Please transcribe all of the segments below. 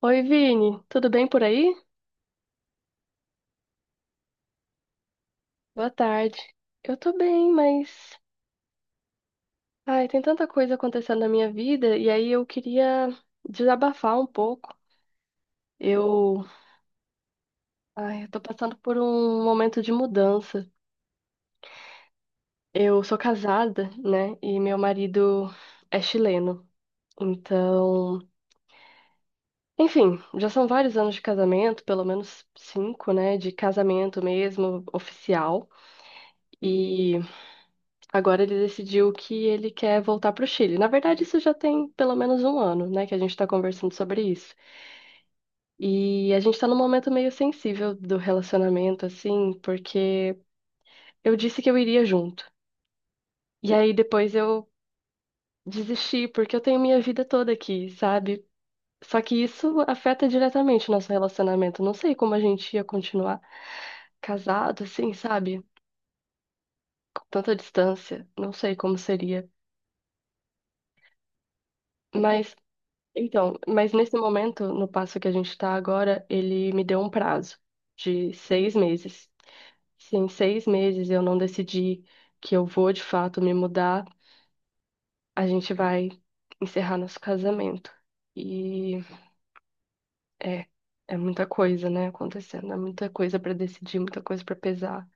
Oi, Vini, tudo bem por aí? Boa tarde. Eu tô bem, mas ai, tem tanta coisa acontecendo na minha vida e aí eu queria desabafar um pouco. Eu, ai, eu tô passando por um momento de mudança. Eu sou casada, né? E meu marido é chileno. Então, enfim, já são vários anos de casamento, pelo menos cinco, né? De casamento mesmo, oficial. E Agora ele decidiu que ele quer voltar para o Chile. Na verdade, isso já tem pelo menos um ano, né, que a gente está conversando sobre isso. E a gente está num momento meio sensível do relacionamento, assim, porque eu disse que eu iria junto. E aí depois eu desisti, porque eu tenho minha vida toda aqui, sabe? Só que isso afeta diretamente o nosso relacionamento. Não sei como a gente ia continuar casado, assim, sabe? Com tanta distância. Não sei como seria. Mas Então, mas nesse momento, no passo que a gente está agora, ele me deu um prazo de 6 meses. Se em 6 meses eu não decidir que eu vou de fato me mudar, a gente vai encerrar nosso casamento. E é, é muita coisa, né, acontecendo. É muita coisa para decidir, muita coisa para pesar.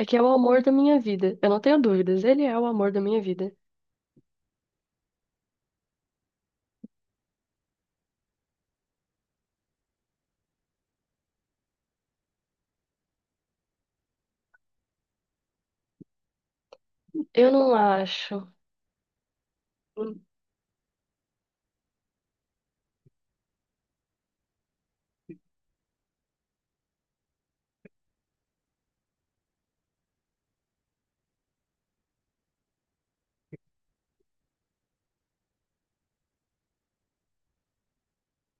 É que é o amor da minha vida. Eu não tenho dúvidas, ele é o amor da minha vida. Eu não acho.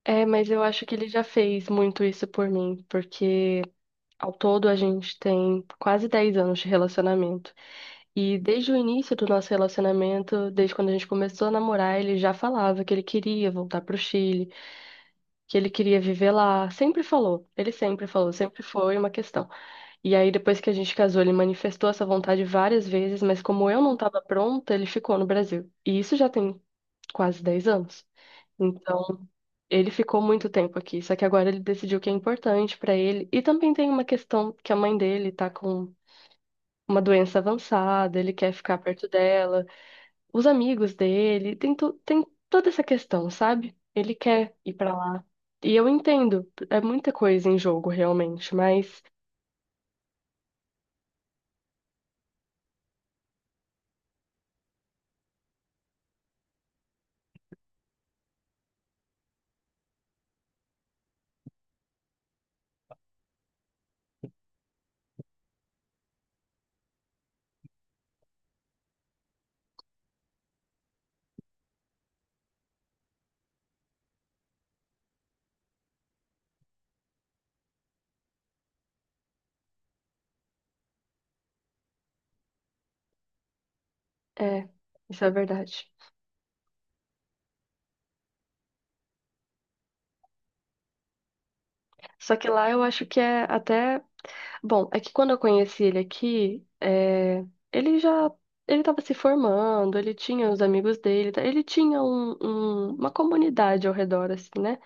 É, mas eu acho que ele já fez muito isso por mim, porque ao todo, a gente tem quase 10 anos de relacionamento. E desde o início do nosso relacionamento, desde quando a gente começou a namorar, ele já falava que ele queria voltar para o Chile, que ele queria viver lá. Sempre falou, ele sempre falou, sempre foi uma questão. E aí, depois que a gente casou, ele manifestou essa vontade várias vezes, mas como eu não estava pronta, ele ficou no Brasil. E isso já tem quase 10 anos. Então, ele ficou muito tempo aqui, só que agora ele decidiu que é importante pra ele. E também tem uma questão que a mãe dele tá com uma doença avançada, ele quer ficar perto dela, os amigos dele, tem, tem toda essa questão, sabe? Ele quer ir pra lá. E eu entendo, é muita coisa em jogo realmente, mas é, isso é verdade. Só que lá eu acho que é até. Bom, é que quando eu conheci ele aqui, ele já. Ele estava se formando, ele tinha os amigos dele, tá? Ele tinha uma comunidade ao redor, assim, né?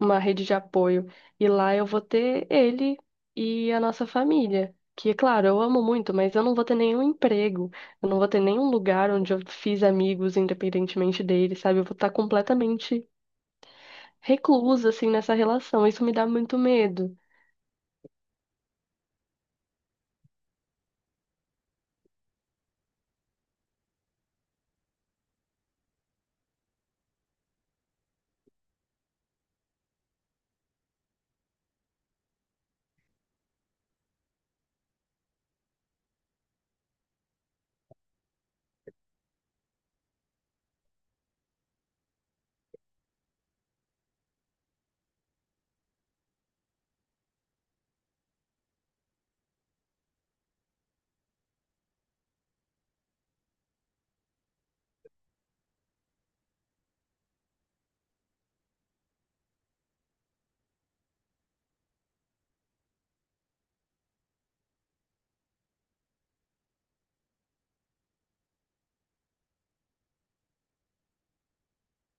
Uma rede de apoio. E lá eu vou ter ele e a nossa família. Que, claro, eu amo muito, mas eu não vou ter nenhum emprego, eu não vou ter nenhum lugar onde eu fiz amigos, independentemente dele, sabe? Eu vou estar completamente reclusa, assim, nessa relação. Isso me dá muito medo.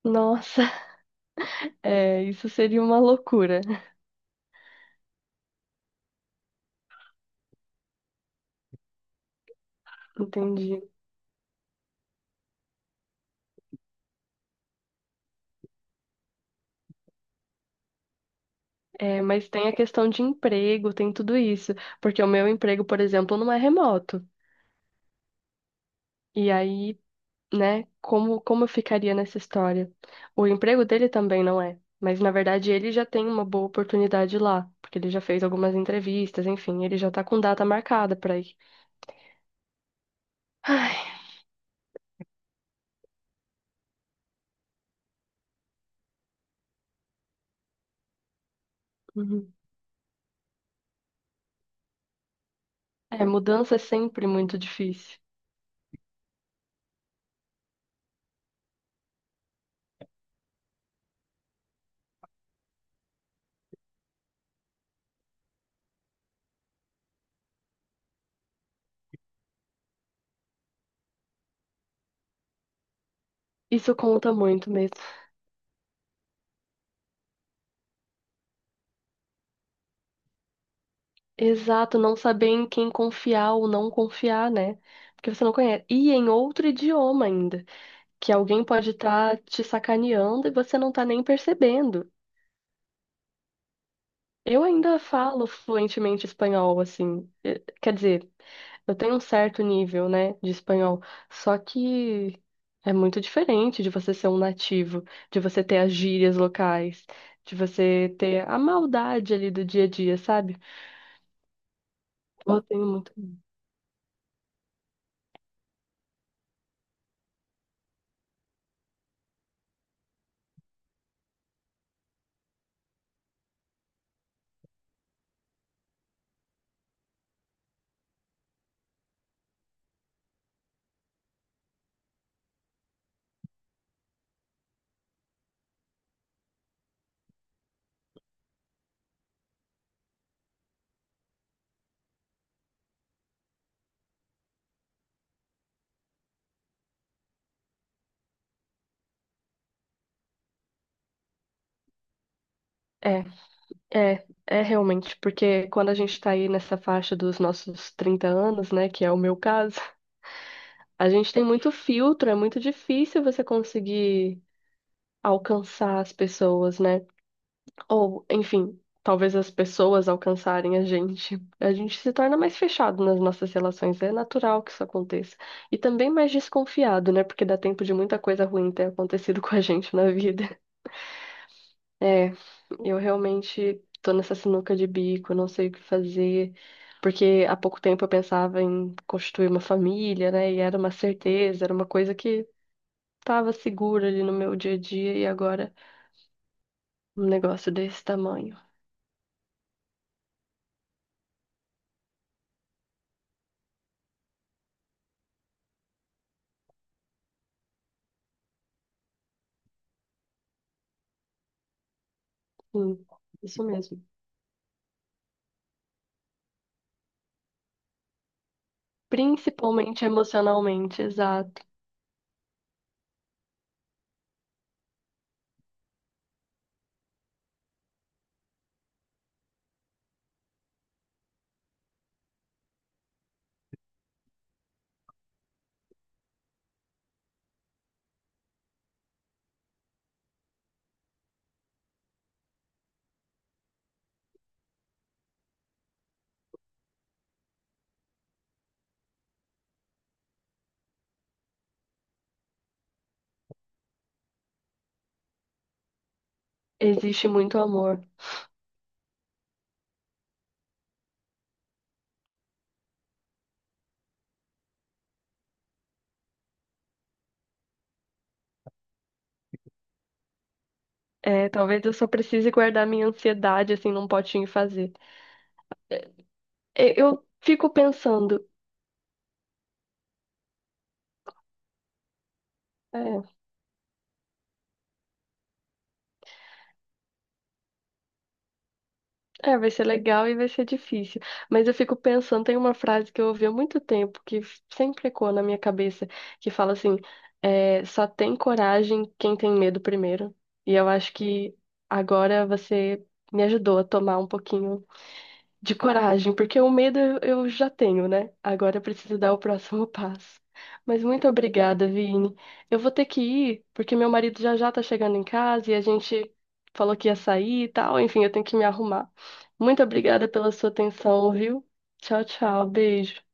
Nossa, é, isso seria uma loucura. Entendi. É, mas tem a questão de emprego, tem tudo isso. Porque o meu emprego, por exemplo, não é remoto. E aí, né? Como, como eu ficaria nessa história? O emprego dele também não é, mas na verdade ele já tem uma boa oportunidade lá, porque ele já fez algumas entrevistas, enfim, ele já tá com data marcada pra ir. Ai, uhum. É, mudança é sempre muito difícil. Isso conta muito mesmo. Exato, não saber em quem confiar ou não confiar, né? Porque você não conhece. E em outro idioma ainda, que alguém pode estar te sacaneando e você não tá nem percebendo. Eu ainda falo fluentemente espanhol, assim. Quer dizer, eu tenho um certo nível, né, de espanhol. Só que é muito diferente de você ser um nativo, de você ter as gírias locais, de você ter a maldade ali do dia a dia, sabe? Eu tenho muito. É, é realmente, porque quando a gente tá aí nessa faixa dos nossos 30 anos, né, que é o meu caso, a gente tem muito filtro, é muito difícil você conseguir alcançar as pessoas, né? Ou, enfim, talvez as pessoas alcançarem a gente. A gente se torna mais fechado nas nossas relações. É natural que isso aconteça. E também mais desconfiado, né? Porque dá tempo de muita coisa ruim ter acontecido com a gente na vida. É, eu realmente tô nessa sinuca de bico, não sei o que fazer. Porque há pouco tempo eu pensava em constituir uma família, né? E era uma certeza, era uma coisa que estava segura ali no meu dia a dia. E agora um negócio desse tamanho. Hum, isso mesmo. Principalmente emocionalmente, exato. Existe muito amor. É, talvez eu só precise guardar minha ansiedade assim num potinho e fazer. Eu fico pensando, é, vai ser legal e vai ser difícil. Mas eu fico pensando, tem uma frase que eu ouvi há muito tempo que sempre ecoa na minha cabeça, que fala assim, é, só tem coragem quem tem medo primeiro. E eu acho que agora você me ajudou a tomar um pouquinho de coragem, porque o medo eu já tenho, né? Agora eu preciso dar o próximo passo. Mas muito obrigada, Vini. Eu vou ter que ir, porque meu marido já já tá chegando em casa e a gente falou que ia sair e tal. Enfim, eu tenho que me arrumar. Muito obrigada pela sua atenção, viu? Tchau, tchau. Beijo.